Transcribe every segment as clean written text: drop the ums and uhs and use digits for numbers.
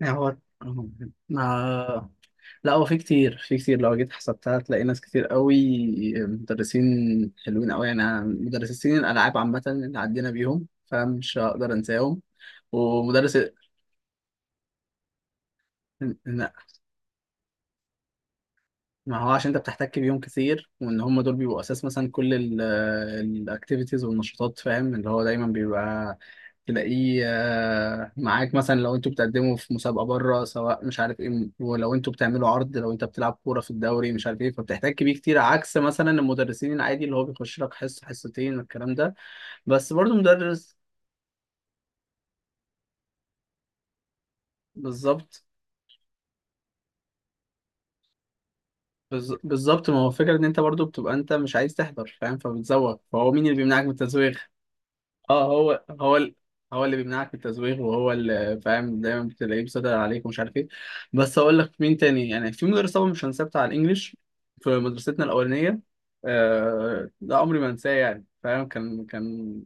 يعني هو ما لا، هو في كتير، لو جيت حسبتها هتلاقي ناس كتير قوي، مدرسين حلوين قوي يعني. أنا مدرسين الألعاب عامة اللي عدينا بيهم فمش هقدر أنساهم، ومدرس. لا، ما هو عشان انت بتحتك بيهم كتير، وان هم دول بيبقوا اساس مثلا كل الاكتيفيتيز والنشاطات، فاهم، اللي هو دايما بيبقى تلاقيه، معاك مثلا لو انتوا بتقدموا في مسابقه بره، سواء مش عارف ايه، ولو انتوا بتعملوا عرض، لو انت بتلعب كوره في الدوري مش عارف ايه، فبتحتاج بيه كتير، عكس مثلا المدرسين العادي اللي هو بيخش لك حصه حصتين الكلام ده. بس برضو مدرس. بالظبط. بالظبط، ما هو فكرة ان انت برضو بتبقى انت مش عايز تحضر، فاهم، فبتزوغ، فهو مين اللي بيمنعك من التزويغ؟ اه. هو هو اللي بيمنعك من التزويغ، وهو اللي فاهم، دايما بتلاقيه مسيطر عليك، ومش عارف ايه. بس هقول لك مين تاني، يعني في مدرس طبعا مش هنساه، بتاع الانجليش في مدرستنا الاولانيه. آه ده عمري ما انساه يعني، فاهم، كان.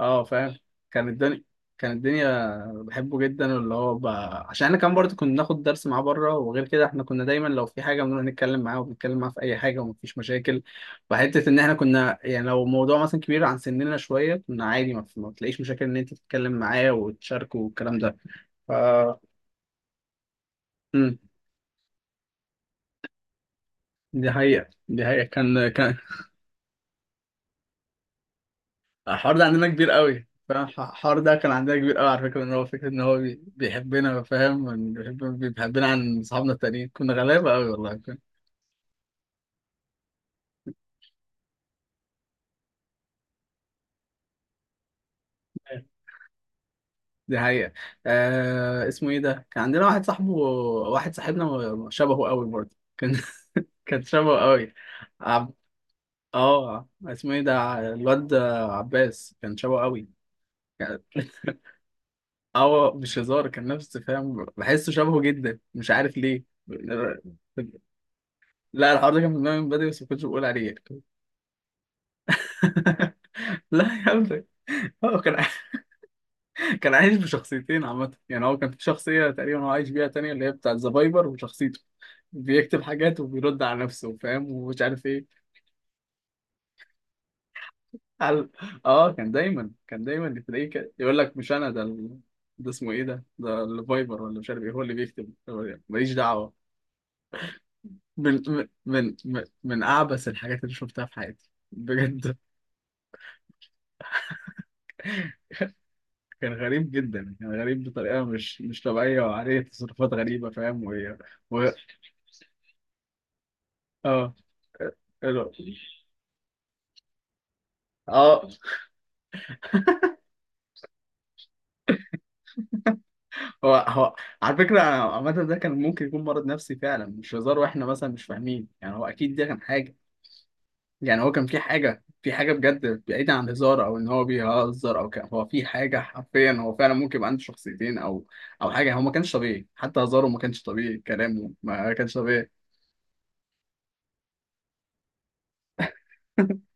اه فاهم. كان الدنيا. كان الدنيا بحبه جدا، واللي هو عشان احنا كمان برضه كنا بناخد درس معاه بره، وغير كده احنا كنا دايما لو في حاجه بنروح نتكلم معاه، وبنتكلم معاه في اي حاجه، ومفيش مشاكل. وحته ان احنا كنا يعني لو موضوع مثلا كبير عن سننا شويه كنا عادي، ما تلاقيش مشاكل ان انت تتكلم معاه وتشاركه والكلام ده. ف. امم دي حقيقه، دي حقيقه، كان. الحوار ده عندنا كبير قوي، فاهم، الحوار ده كان عندنا كبير قوي على فكرة، ان هو فكرة ان هو بيحبنا، فاهم، وإن بيحبنا عن اصحابنا التانيين، كنا غلابة قوي والله، فاهم. دي حقيقة. آه اسمه ايه ده، كان عندنا واحد صاحبه، واحد صاحبنا، شبهه قوي برضه، كان كان شبهه قوي. عب... اه اسمه ايه ده الواد، عباس، كان شبهه قوي. اه مش هزار، كان نفس، فاهم، بحسه شبهه جدا، مش عارف ليه. لا، الحوار ده كان في دماغي من بدري، بس ما كنتش بقول عليه. لا يا ابني. هو كان. كان عايش بشخصيتين عامة يعني، هو كان في شخصية تقريبا هو عايش بيها تانية، اللي هي بتاع الزبايبر وشخصيته، بيكتب حاجات وبيرد على نفسه، فاهم، ومش عارف ايه. قال. اه كان دايما، كان دايما تلاقيه كده يقول لك مش انا ده ده اسمه ايه ده، ده الفايبر ولا مش عارف ايه، هو اللي بيكتب، هو ماليش دعوة. من اعبث الحاجات اللي شفتها في حياتي بجد. كان غريب جدا، كان غريب بطريقه مش طبيعيه، وعليه تصرفات غريبه، فاهم. و. و. اه. اه. آه، هو هو على فكره، أنا عامه ده كان ممكن يكون مرض نفسي فعلا، مش هزار واحنا مثلا مش فاهمين يعني، هو اكيد ده كان حاجه. يعني هو كان في حاجه، في حاجه بجد بعيده عن الهزار، او ان هو بيهزر، او كان هو في حاجه حرفيا، هو فعلا ممكن يبقى عنده شخصيتين، او او حاجه. هو ما كانش طبيعي، حتى هزاره ما كانش طبيعي، كلامه ما كانش طبيعي.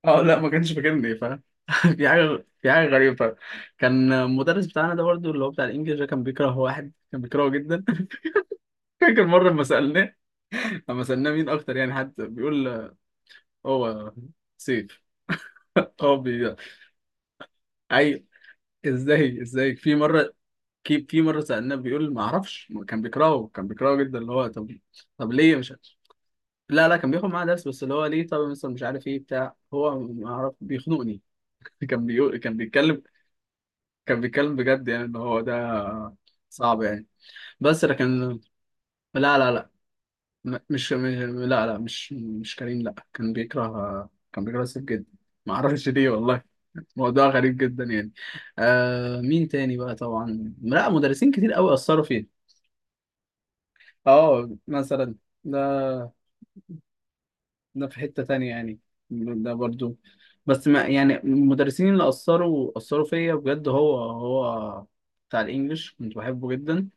اه لا ما كانش فاكرني. في حاجة، في حاجة غريبة. كان المدرس بتاعنا ده برضه اللي هو بتاع الإنجليزي ده كان بيكره واحد، كان بيكرهه جدا. فاكر مرة لما سألناه، لما سألناه مين أكتر يعني حد بيقول، هو سيف. هو بي أي. إزاي، إزاي في مرة، في مرة سألناه، بيقول ما أعرفش، كان بيكرهه، كان بيكرهه جدا، اللي هو طب. طب ليه؟ مش عارف. لا لا، كان بياخد معاه درس، بس اللي هو ليه طب مثلا مش عارف إيه بتاع، هو ما أعرف بيخنقني. كان بيقول، كان بيتكلم، كان بيتكلم بجد يعني، اللي هو ده صعب يعني، بس لكن. لا لا لا. م- مش م- لا لا، مش كريم، لا كان بيكره، كان بيكره سيف جدا، ما اعرفش ليه والله. موضوع غريب جدا يعني. آه مين تاني بقى؟ طبعا لا، مدرسين كتير قوي اثروا فيه. اه مثلا. ده. ده في حتة تانية يعني. ده برضو، بس ما يعني، المدرسين اللي اثروا فيا بجد هو، هو بتاع الانجليش، كنت بحبه جدا.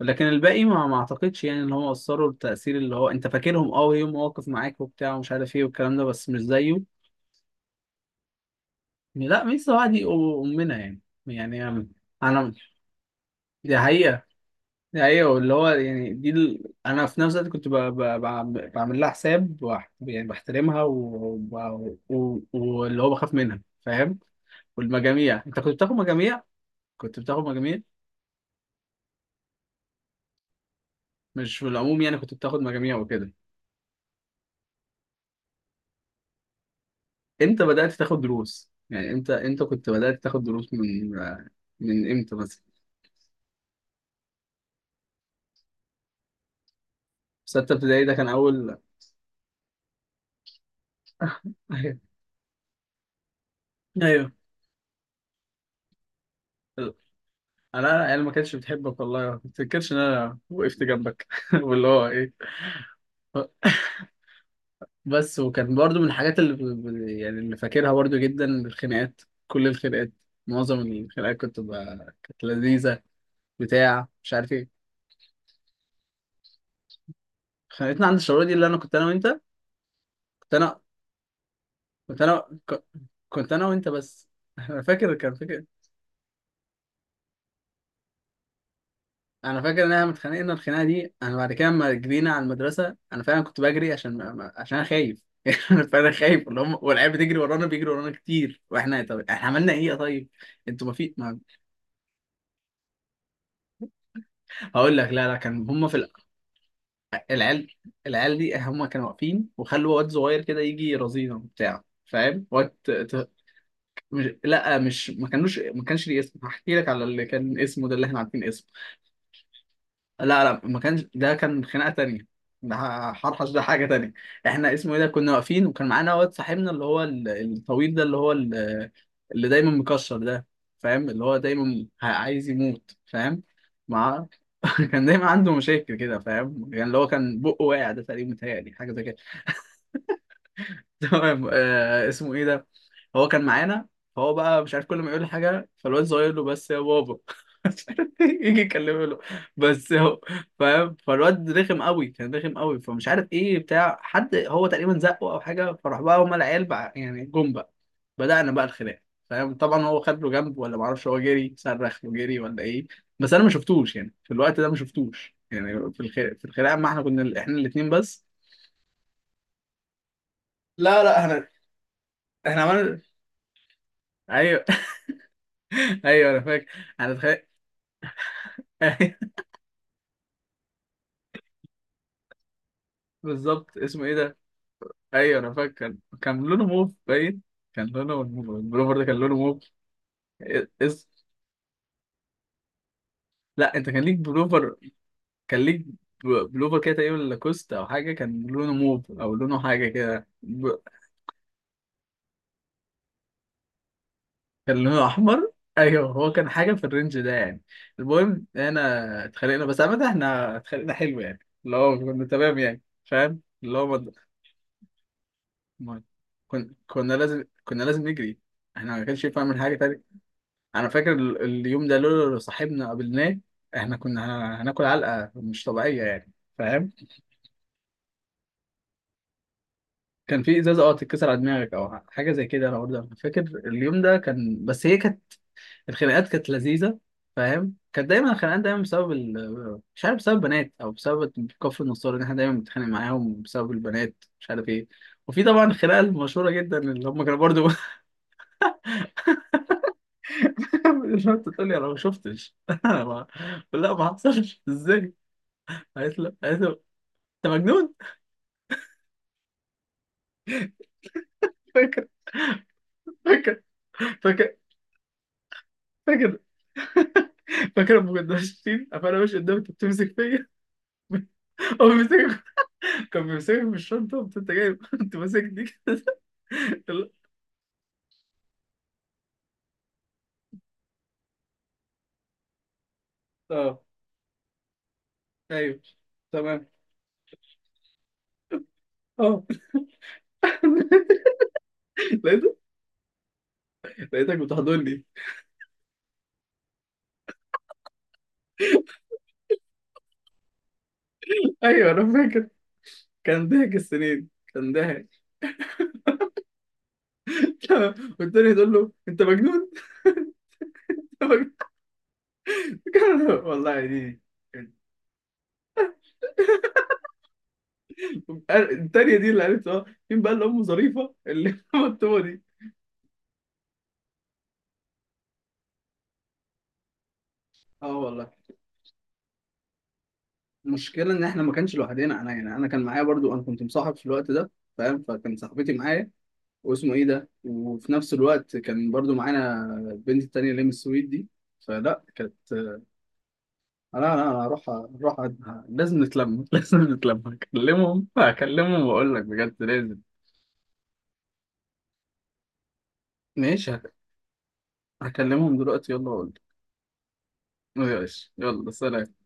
لكن الباقي ما اعتقدش، يعني ان هم اثروا التأثير اللي هو انت فاكرهم، اه ليهم مواقف معاك وبتاع ومش عارف ايه والكلام ده، بس مش زيه. لا، ميسي بقى دي امنا يعني. يعني انا. أنا- دي حقيقة. دي حقيقة. واللي هو يعني دي انا في نفس الوقت كنت بعمل لها حساب، يعني بحترمها، واللي هو بخاف منها، فاهم. والمجاميع، انت كنت بتاخد مجاميع؟ كنت بتاخد مجاميع؟ مش في العموم يعني، كنت بتاخد مجاميع وكده. امتى بدأت تاخد دروس؟ يعني امتى كنت بدأت تاخد دروس؟ من امتى مثلا؟ ستة ابتدائي ده كان أول؟ ايوه ايوه. انا. انا ما كانتش بتحبك والله، ما تفتكرش ان انا وقفت جنبك، واللي هو ايه. بس وكان برضو من الحاجات اللي يعني اللي فاكرها برضو جدا الخناقات. كل الخناقات. معظم الخناقات كنت كانت لذيذة، بتاع مش عارف ايه. خانقتنا عند الشعور دي، اللي انا كنت انا وانت. كنت انا كنت انا ك- كنت انا وانت بس. انا فاكر، كان فاكر. انا فاكر ان احنا اتخانقنا الخناقه دي، انا بعد كده لما جرينا على المدرسه، انا فعلا كنت بجري عشان عشان انا خايف، انا فعلا خايف، اللي هم والعيال بتجري ورانا، بيجري ورانا كتير، واحنا طب احنا عملنا ايه يا طيب، انتوا ما في ما... هقول لك. لا لا، كان هم في العيال. العيال دي هم كانوا واقفين، وخلوا واد صغير كده يجي يرازينا وبتاع، فاهم، واد مش. لا مش، ما كانش ليه اسم، هحكي لك على اللي كان اسمه ده اللي احنا عارفين اسمه. لا لا، ما كانش ده، كان خناقة تانية. ده حرحش، ده حاجة تانية. احنا اسمه ايه ده، كنا واقفين وكان معانا واد صاحبنا، اللي هو الطويل ده، اللي هو اللي دايما مكشر ده، فاهم، اللي هو دايما عايز يموت، فاهم. مع. كان دايما عنده مشاكل كده، فاهم، يعني اللي هو كان بقه واقع ده تقريبا، متهيألي حاجة زي كده. تمام. آه اسمه ايه ده؟ هو كان معانا، فهو بقى مش عارف كل ما يقول حاجه فالواد صغير له بس يا بابا، مش عارف إيه، يجي يكلمه له. بس هو، فاهم، فالواد رخم قوي، كان رخم قوي، فمش عارف ايه بتاع حد، هو تقريبا زقه او حاجه، فراح بقى هما العيال بقى يعني جم بقى، بدأنا بقى الخناق، فاهم. طبعا هو خد له جنب ولا معرفش، هو جري صرخ وجري ولا ايه، بس انا ما شفتوش يعني في الوقت ده، ما شفتوش يعني في في الخناقه، ما احنا كنا احنا الاثنين بس. لا لا احنا. احنا عملنا. ايوه ايوه انا فاكر. انا تخيل. بالظبط، اسمه ايه ده؟ ايوه انا فاكر، كان لونه موف باين. كان لونه البلوفر ده كان لونه موف. اس... لا انت كان ليك بلوفر، كان ليك بلوفر كده تقريبا لاكوست او حاجه، كان لونه موف او لونه حاجه كده. كان لونه احمر. ايوه، هو كان حاجه في الرينج ده يعني. المهم انا اتخانقنا، بس عامه احنا اتخانقنا حلو يعني، اللي هو كنا تمام يعني، فاهم، اللي هو ما- كنا لازم كنا لازم نجري، احنا ما كانش ينفع نعمل حاجه تانية. انا فاكر اليوم ده لولا لو صاحبنا قابلناه، احنا كنا هناكل علقه مش طبيعيه يعني، فاهم. كان في ازازه اه تتكسر على دماغك او حاجه زي كده، انا برضه أنا فاكر اليوم ده كان، بس هي كانت الخناقات كانت لذيذه، فاهم. كانت دايما الخناقات دايما بسبب مش عارف بسبب بنات، او بسبب كفر النصارى ان احنا دايما بنتخانق معاهم بسبب البنات، مش عارف ايه. وفي طبعا الخناقه المشهوره جدا اللي هم كانوا برضو. مش شفت تقول لي انا ما شفتش. انا ما. لا ما حصلش ازاي، قالت له، قالت له انت مجنون. فاكر فاكر فاكر فاكر. فاكر لما كنا ماشيين، فانا ماشي قدامك، انت بتمسك فيا. هو بيمسك. كان بيمسكك بالشنطه، قمت انت جاي كنت ماسك دي. كده. لا. اه. ايوه. تمام. اه. لقيتك. لقيتك بتحضني. ايوه انا فاكر، كان ضحك السنين، كان ضحك. والتاني تقول له انت مجنون. انت مجنون. والله دي التانية دي اللي عرفت اه. مين بقى اللي أمه ظريفة اللي مكتوبة دي. اه والله، المشكله ان احنا ما كانش لوحدنا، انا يعني انا كان معايا برضو، انا كنت مصاحب في الوقت ده، فاهم، فكان صاحبتي معايا، واسمه ايه ده، وفي نفس الوقت كان برضو معانا البنت التانية اللي من السويد دي، فلا كانت. لا لا انا هروح، هروح لازم نتلم، لازم نتلم، هكلمهم هكلمهم واقول لك بجد لازم. ماشي هكلمهم دلوقتي، يلا اقول لك. ماشي يلا سلام.